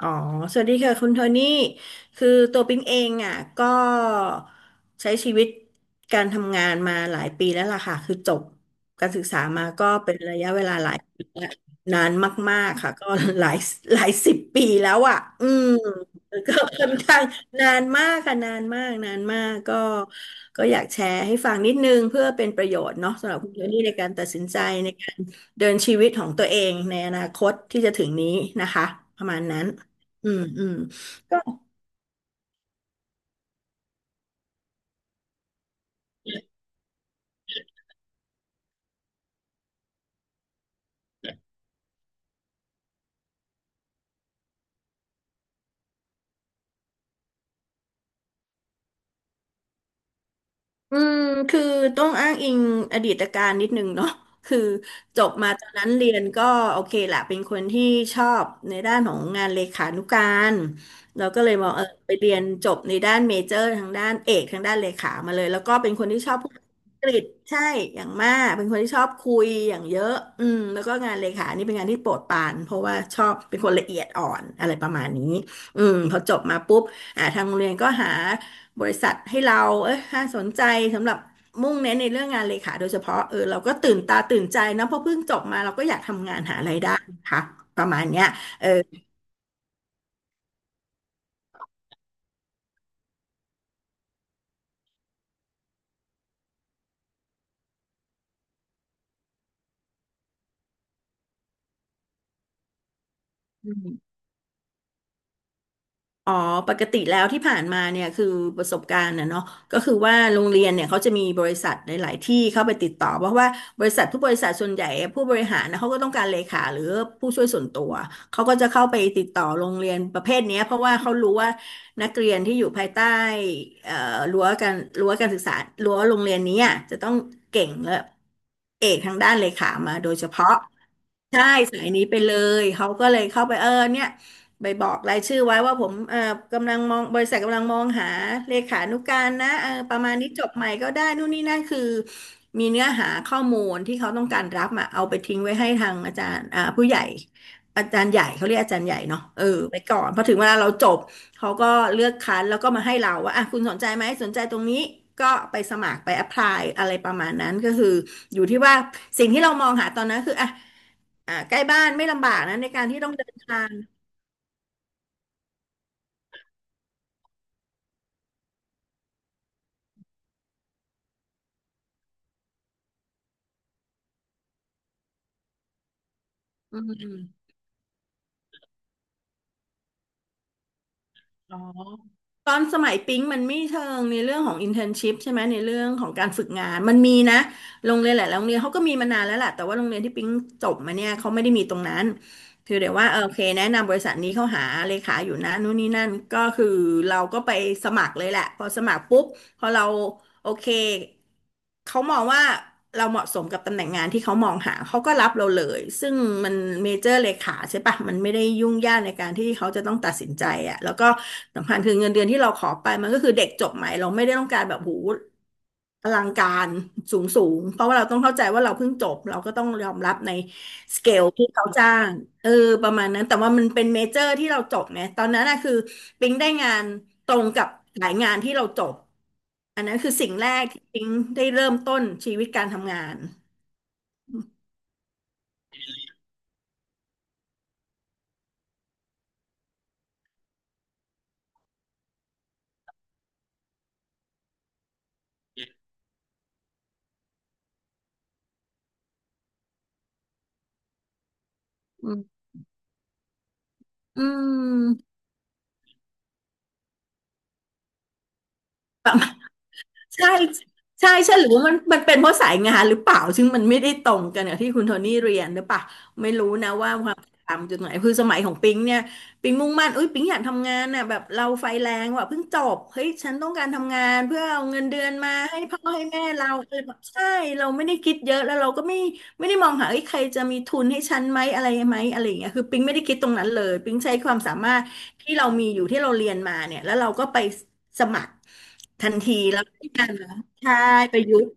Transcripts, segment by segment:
อ๋อ สวัสดีค่ะคุณโทนี่คือตัวปิ๊งเองอ่ะก็ใช้ชีวิตการทำงานมาหลายปีแล้วล่ะค่ะ คือจบการศึกษามาก็เป็นระยะเวลาหลายปีแล้วนานมากๆค่ะก็ หลายหลายสิบปีแล้วอ่ะก็ค่อนข้างนานมากค่ะนานมากนานมากก็อยากแชร์ให้ฟังนิดนึงเพื่อเป็นประโยชน์เนาะสำหรับคุณโทนี่ในการตัดสินใจ เดินชีวิตของตัวเองในอนาคตที่จะถึงนี้นะคะประมาณนั้นอืมอืมก็ อืมคือต้องอ้างอิงอดีตการนิดนึงเนาะ คือจบมาตอนนั้นเรียนก็โอเคแหละเป็นคนที่ชอบในด้านของงานเลขานุการเราก็เลยมองเออไปเรียนจบในด้านเมเจอร์ทางด้านเอกทางด้านเลขามาเลยแล้วก็เป็นคนที่ชอบพูดอังกฤษใช่อย่างมากเป็นคนที่ชอบคุยอย่างเยอะอืมแล้วก็งานเลขานี่เป็นงานที่โปรดปรานเพราะว่าชอบเป็นคนละเอียดอ่อนอะไรประมาณนี้อืมพอจบมาปุ๊บทางโรงเรียนก็หา บริษัทให้เราเอ้ยน่าสนใจสำหรับมุ่งเน้นในเรื่องงานเลขาโดยเฉพาะเออเราก็ตื่นตาตื่นใจนะเพราะเพิ่งจบมาเราก็อยากทำงานหารายได้นะคะประมาณเนี้ยเออ อ๋อปกติแล้วที่ผ่านมาเนี่ยคือประสบการณ์นะเนาะก็คือว่าโรงเรียนเนี่ยเขาจะมีบริษัทหลายๆที่เข้าไปติดต่อเพราะว่าบริษัททุกบริษัทส่วนใหญ่ผู้บริหารนะเขาก็ต้องการเลขาหรือผู้ช่วยส่วนตัวเขาก็จะเข้าไปติดต่อโรงเรียนประเภทเนี้ยเพราะว่าเขารู้ว่านักเรียนที่อยู่ภายใต้เอ่อรั้วการรั้วการศึกษารั้วโรงเรียนนี้อะจะต้องเก่งและเอกทางด้านเลขามาโดยเฉพาะใช่สายนี้ไปเลยเขาก็เลยเข้าไปเออเนี่ย ไปบอกรายชื่อไว้ว่าผมกำลังมองบริษัทกำลังมองหาเลขานุการนะเออประมาณนี้จบใหม่ก็ได้นู่นนี่นั่นคือมีเนื้อหาข้อมูลที่เขาต้องการรับมาเอาไปทิ้งไว้ให้ทางอาจารย์ผู้ใหญ่อาจารย์ใหญ่เขาเรียกอาจารย์ใหญ่เนาะเออไปก่อนพอถึงเวลาเราจบเขาก็เลือกคัดแล้วก็มาให้เราว่าอ่ะคุณสนใจไหมสนใจตรงนี้ก็ไปสมัครไปแอพพลายอะไรประมาณนั้นก็คืออยู่ที่ว่าสิ่งที่เรามองหาตอนนั้นคืออ่ะใกล้บ้านไม่ลำบากนะในการที่ต้องเดินทาง อ๋อตอนสมัยปิ๊งมันไม่เชิงในเรื่องของ i n t e r n s h i p ใช่ไหมในเรื่องของการฝึกงานมันมีนะโรงเรียนหลายๆโรงเรียนเขาก็มีมานานแล้วแหละแต่ว่าโรงเรียนที่ปิ๊งจบมาเนี่ยเขาไม่ได้มีตรงนั้นคือเดี๋ยวว่าเออโอเคแนะนำบริษัทนี้เขาหาเลขาอยู่นะนู่นนี่นั่นก็คือเราก็ไปสมัครเลยแหละพอสมัครปุ๊บพอเรา โอเค เขามองว่าเราเหมาะสมกับตำแหน่งงานที่เขามองหาเขาก็รับเราเลยซึ่งมันเมเจอร์เลขาใช่ปะมันไม่ได้ยุ่งยากในการที่เขาจะต้องตัดสินใจอะแล้วก็สำคัญคือเงินเดือนที่เราขอไปมันก็คือเด็กจบใหม่เราไม่ได้ต้องการแบบหูอลังการสูงสูงเพราะว่าเราต้องเข้าใจว่าเราเพิ่งจบเราก็ต้องยอมรับใน สเกลที่เขาจ้างเออประมาณนั้นแต่ว่ามันเป็นเมเจอร์ที่เราจบไงตอนนั้นนะคือปิ๊งได้งานตรงกับสายงานที่เราจบอันนั้นคือสิ่งแรกที่ปิ๊งได้เริ่มต้นชีวิตการทำงานอืมอืม ใช่ใช่ใช่หรือว่ามันเป็นเพราะสายงานหรือเปล่าซึ่งมันไม่ได้ตรงกันกับที่คุณโทนี่เรียนหรือเปล่าไม่รู้นะว่าความตามจุดไหนคือสมัยของปิงเนี่ยปิงมุ่งมั่นอุ้ยปิงอยากทำงานน่ะแบบเราไฟแรงว่ะเพิ่งจบเฮ้ยฉันต้องการทำงานเพื่อเอาเงินเดือนมาให้พ่อให้แม่เราเออแบบใช่เราไม่ได้คิดเยอะแล้วเราก็ไม่ได้มองหาเอ้ยใครจะมีทุนให้ฉันไหมอะไรไหมอะไรอย่างเงี้ยคือปิงไม่ได้คิดตรงนั้นเลยปิงใช้ความสามารถที่เรามีอยู่ที่เราเรียนมาเนี่ยแล้วเราก็ไป สมัครทันทีแล้วกันนะใช่ประยุทธ์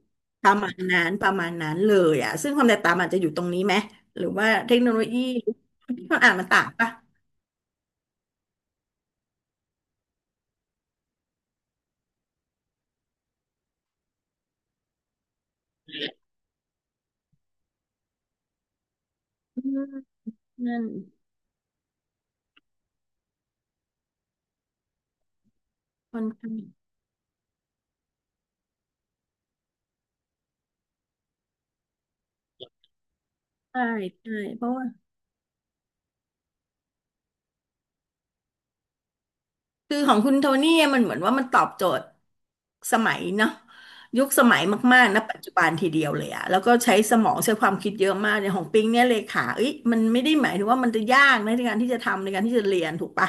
ประมาณนั้นประมาณนั้นเลยอ่ะซึ่งความแตกต่างมันจะอยู่ตรงนี้ไหมหรือว่าเทคโนโลยีที่เขาอ่านมันต่างปะอืมนั่นคนข้างใช่ใช่เพราะว่า คือของคุณโทนี่มันเหมือนว่ามันตอบโจทย์สมัยเนาะยุคสมัยมากๆนะปัจจุบันทีเดียวเลยอะแล้วก็ใช้สมองใช้ความคิดเยอะมากในของปิงเนี่ยเลขาเอ้ยมันไม่ได้หมายถึงว่ามันจะยากนะในการที่จะทำในการที่จะเรียนถูกปะ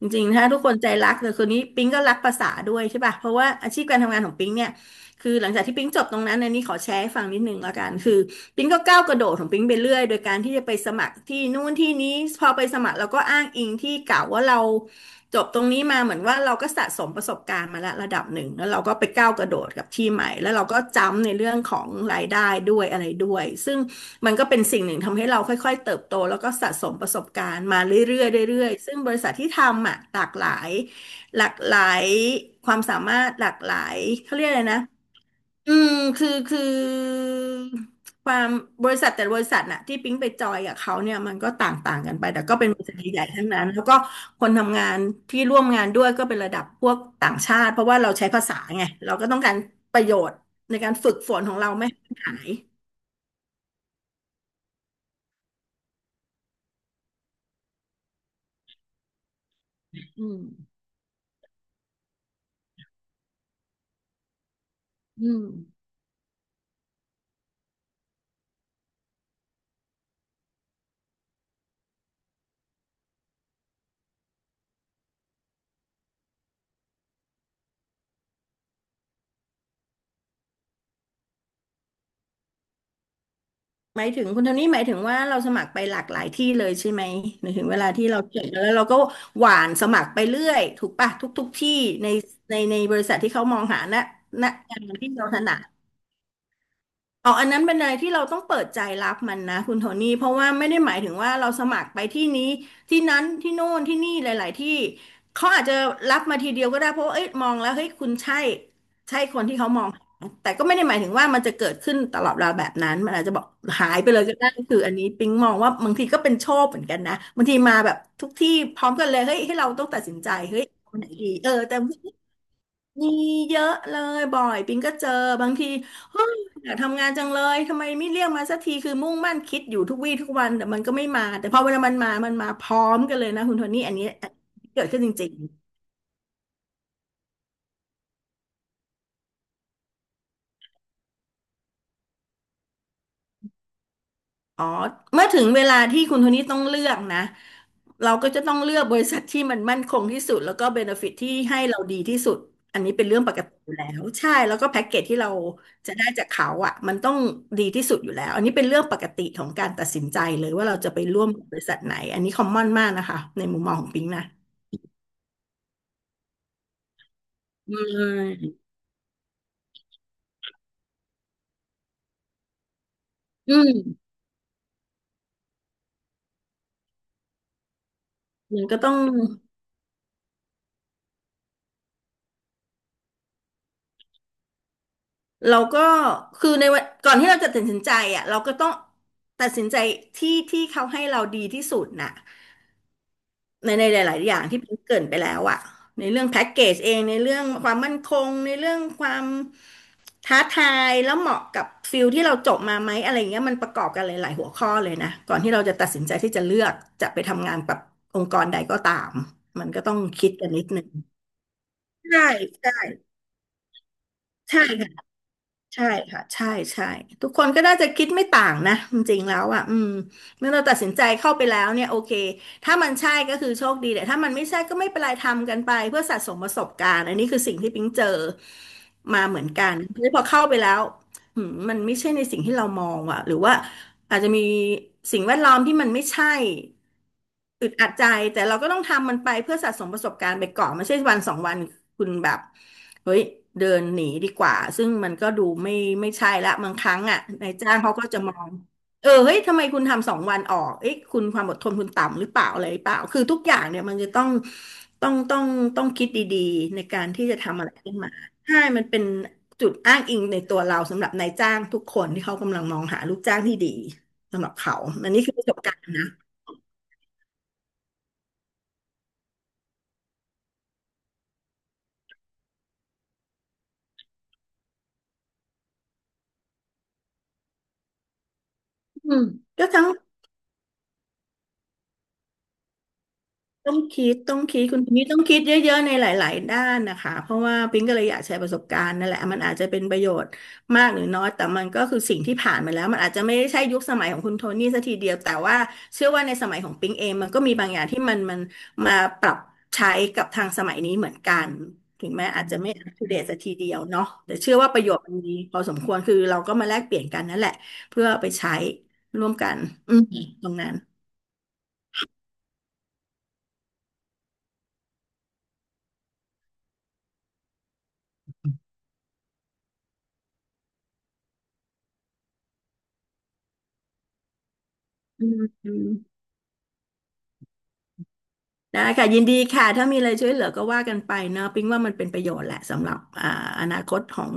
จริงๆถ้าทุกคนใจรักแต่คนนี้ปิงก็รักภาษาด้วยใช่ปะเพราะว่าอาชีพการทำงานของปิงเนี่ยคือหลังจากที่ปิ๊งจบตรงนั้นอันนี้ขอแชร์ให้ฟังนิดนึงละกันคือปิ๊งก็ก้าวกระโดดของปิ๊งไปเรื่อยโดยการที่จะไปสมัครที่นู่นที่นี้พอไปสมัครเราก็อ้างอิงที่เก่าว่าเรา จบตรงนี้มาเหมือนว่าเราก็สะสมประสบการณ์มาแล้วระดับหนึ่งแล้วเราก็ไปก้าวกระโดดกับที่ใหม่แล้วเราก็จำในเรื่องของรายได้ด้วยอะไรด้วยซึ่งมันก็เป็นสิ่งหนึ่งทำให้เราค่อยๆเติบโตแล้วก็สะสมประสบการณ์มาเรื่อยๆเรื่อยๆซึ่งบริษัทที่ทำอ่ะหลากหลายหลากหลายความสามารถหลากหลายเขาเรียกอะไรนะ อืมคือคือความบริษัทแต่ละบริษัทน่ะที่ปิ๊งไปจอยกับเขาเนี่ยมันก็ต่างต่างกันไปแต่ก็เป็นบริษัทใหญ่ๆทั้งนั้นแล้วก็คนทำงานที่ร่วมงานด้วยก็เป็นระดับพวกต่างชาติเพราะว่าเราใช้ภาษาไงเราก็ต้องการประโยชน์ในการฝึกฝนของเราไม่ให้มันหายอืมอืม หมายถึงคุณโทนี่หมายถึงว่าเราสมัครไปหลากหลายที่เลยใช่ไหมหมายถึงเวลาที่เราเขียนแล้วเราก็หวานสมัครไปเรื่อยถูกปะทุกทุกที่ในในในบริษัทที่เขามองหาณณงานที่เราถนัด อ๋ออันนั้นเป็นอะไรที่เราต้องเปิดใจรับมันนะคุณโทนี่เพราะว่าไม่ได้หมายถึงว่าเราสมัครไปที่นี้ที่นั้นที่โน่นที่นี่หลายๆที่เขาอาจจะรับมาทีเดียวก็ได้เพราะว่าเอ้ยมองแล้วเฮ้ยคุณใช่ใช่คนที่เขามองหาแต่ก็ไม่ได้หมายถึงว่ามันจะเกิดขึ้นตลอดเวลาแบบนั้นมันอาจจะบอกหายไปเลยก็ได้คืออันนี้ปิ๊งมองว่าบางทีก็เป็นโชคเหมือนกันนะบางทีมาแบบทุกที่พร้อมกันเลยเฮ้ยให้เราต้องตัดสินใจเฮ้ยเอาไหนดีเออแต่ มีเยอะเลยบ่อยปิงก็เจอบางทีเฮ้ยอยากทำงานจังเลยทำไมไม่เรียกมาสักทีคือมุ่งมั่นคิดอยู่ทุกวี่ทุกวันแต่มันก็ไม่มาแต่พอเวลามันมามันมาพร้อมกันเลยนะคุณโทนี่อันนี้อันนี้เกิดขึ้นจริงๆอ๋อเมื่อถึงเวลาที่คุณโทนี่ต้องเลือกนะ เราก็จะต้องเลือกบริษัทที่มันมั่นคงที่สุดแล้วก็เบเนฟิตที่ให้เราดีที่สุดอันนี้เป็นเรื่องปกติอยู่แล้วใช่แล้วก็แพ็กเกจที่เราจะได้จากเขาอ่ะมันต้องดีที่สุดอยู่แล้วอันนี้เป็นเรื่องปกติของการตัดสินใจเลยว่าเราจะไปร่วมกับบริษัทไหนอันนี้คอมมอนมากนะคะในมุมมองของปิงนะอื่อืมมันก็ต้องเราก็คือในวันก่อนที่เราจะตัดสินใจอ่ะเราก็ต้องตัดสินใจที่ที่เขาให้เราดีที่สุดน่ะ ในในหลายๆอย่างที่พิงค์เกริ่นไปแล้วอะในเรื่องแพ็กเกจเองในเรื่องความมั่นคงในเรื่องความท้าทายแล้วเหมาะกับฟิลที่เราจบมาไหมอะไรเงี้ยมันประกอบกันหลายๆหัวข้อเลยนะก่อนที่เราจะตัดสินใจที่จะเลือกจะไปทำงานกับองค์กรใดก็ตามมันก็ต้องคิดกันนิดนึงใช่ใช่ใช่ ใช่ค่ะใช่ใช่ทุกคนก็น่าจะคิดไม่ต่างนะจริงๆแล้วอ่ะอืมเมื่อเราตัดสินใจเข้าไปแล้วเนี่ยโอเคถ้ามันใช่ก็คือโชคดีแต่ถ้ามันไม่ใช่ก็ไม่เป็นไรทำกันไปเพื่อสะสมประสบการณ์อันนี้คือสิ่งที่ปิ๊งเจอมาเหมือนกันแล้วพอเข้าไปแล้วหืมมันไม่ใช่ในสิ่งที่เรามองอ่ะหรือว่าอาจจะมีสิ่งแวดล้อมที่มันไม่ใช่อึดอัดใจแต่เราก็ต้องทำมันไปเพื่อสะสมประสบการณ์ไปก่อนไม่ใช่วันสองวันคุณแบบ เฮ้ยเดินหนีดีกว่าซึ่งมันก็ดูไม่ไม่ใช่ละบางครั้งอ่ะนายจ้างเขาก็จะมองเออเฮ้ยทำไมคุณทำสองวันออกเอ้ยคุณความอดทนคุณต่ำหรือเปล่าอะไรหรือเปล่าคือทุกอย่างเนี่ยมันจะต้องต้องต้องต้องคิดดีๆในการที่จะทำอะไรขึ้นมาใช่มันเป็นจุดอ้างอิงในตัวเราสำหรับนายจ้างทุกคนที่เขากำลังมองหาลูกจ้างที่ดีสำหรับเขาอันนี้คือประสบการณ์นะอืมก็ทั้ง ต้องคิดต้องคิดคุณนี่ต้องคิดเยอะๆในหลายๆด้านนะคะเพราะว่าปิ๊งก็เลยอยากแชร์ประสบการณ์นั่นแหละมันอาจจะเป็นประโยชน์มากหรือน้อยแต่มันก็คือสิ่งที่ผ่านมาแล้วมันอาจจะไม่ได้ใช่ยุคสมัยของคุณโทนี่ซะทีเดียวแต่ว่าเชื่อว่าในสมัยของปิ๊งเองมันก็มีบางอย่างที่มันมาปรับใช้กับทางสมัยนี้เหมือนกันถึงแม้อาจจะไม่อัปเดตซะทีเดียวเนาะแต่เชื่อว่าประโยชน์มันมีพอสมควรคือเราก็มาแลกเปลี่ยนกันนั่นแหละเพื่อเอาไปใช้ร่วมกันอืมตรงนั้นอืม ได้ค่ะยินดีค่ะถ้ามีอะไรช่วยเหลือก็ว่ากันไปเนาะปิ๊งว่ามันเป็นประโยชน์แหละสำหรับอ่าอนาคตของ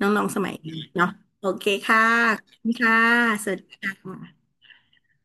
น้องๆสมัยนี้เนาะโอเคค่ะขอบคุณค่ะสวัสดีค่ะ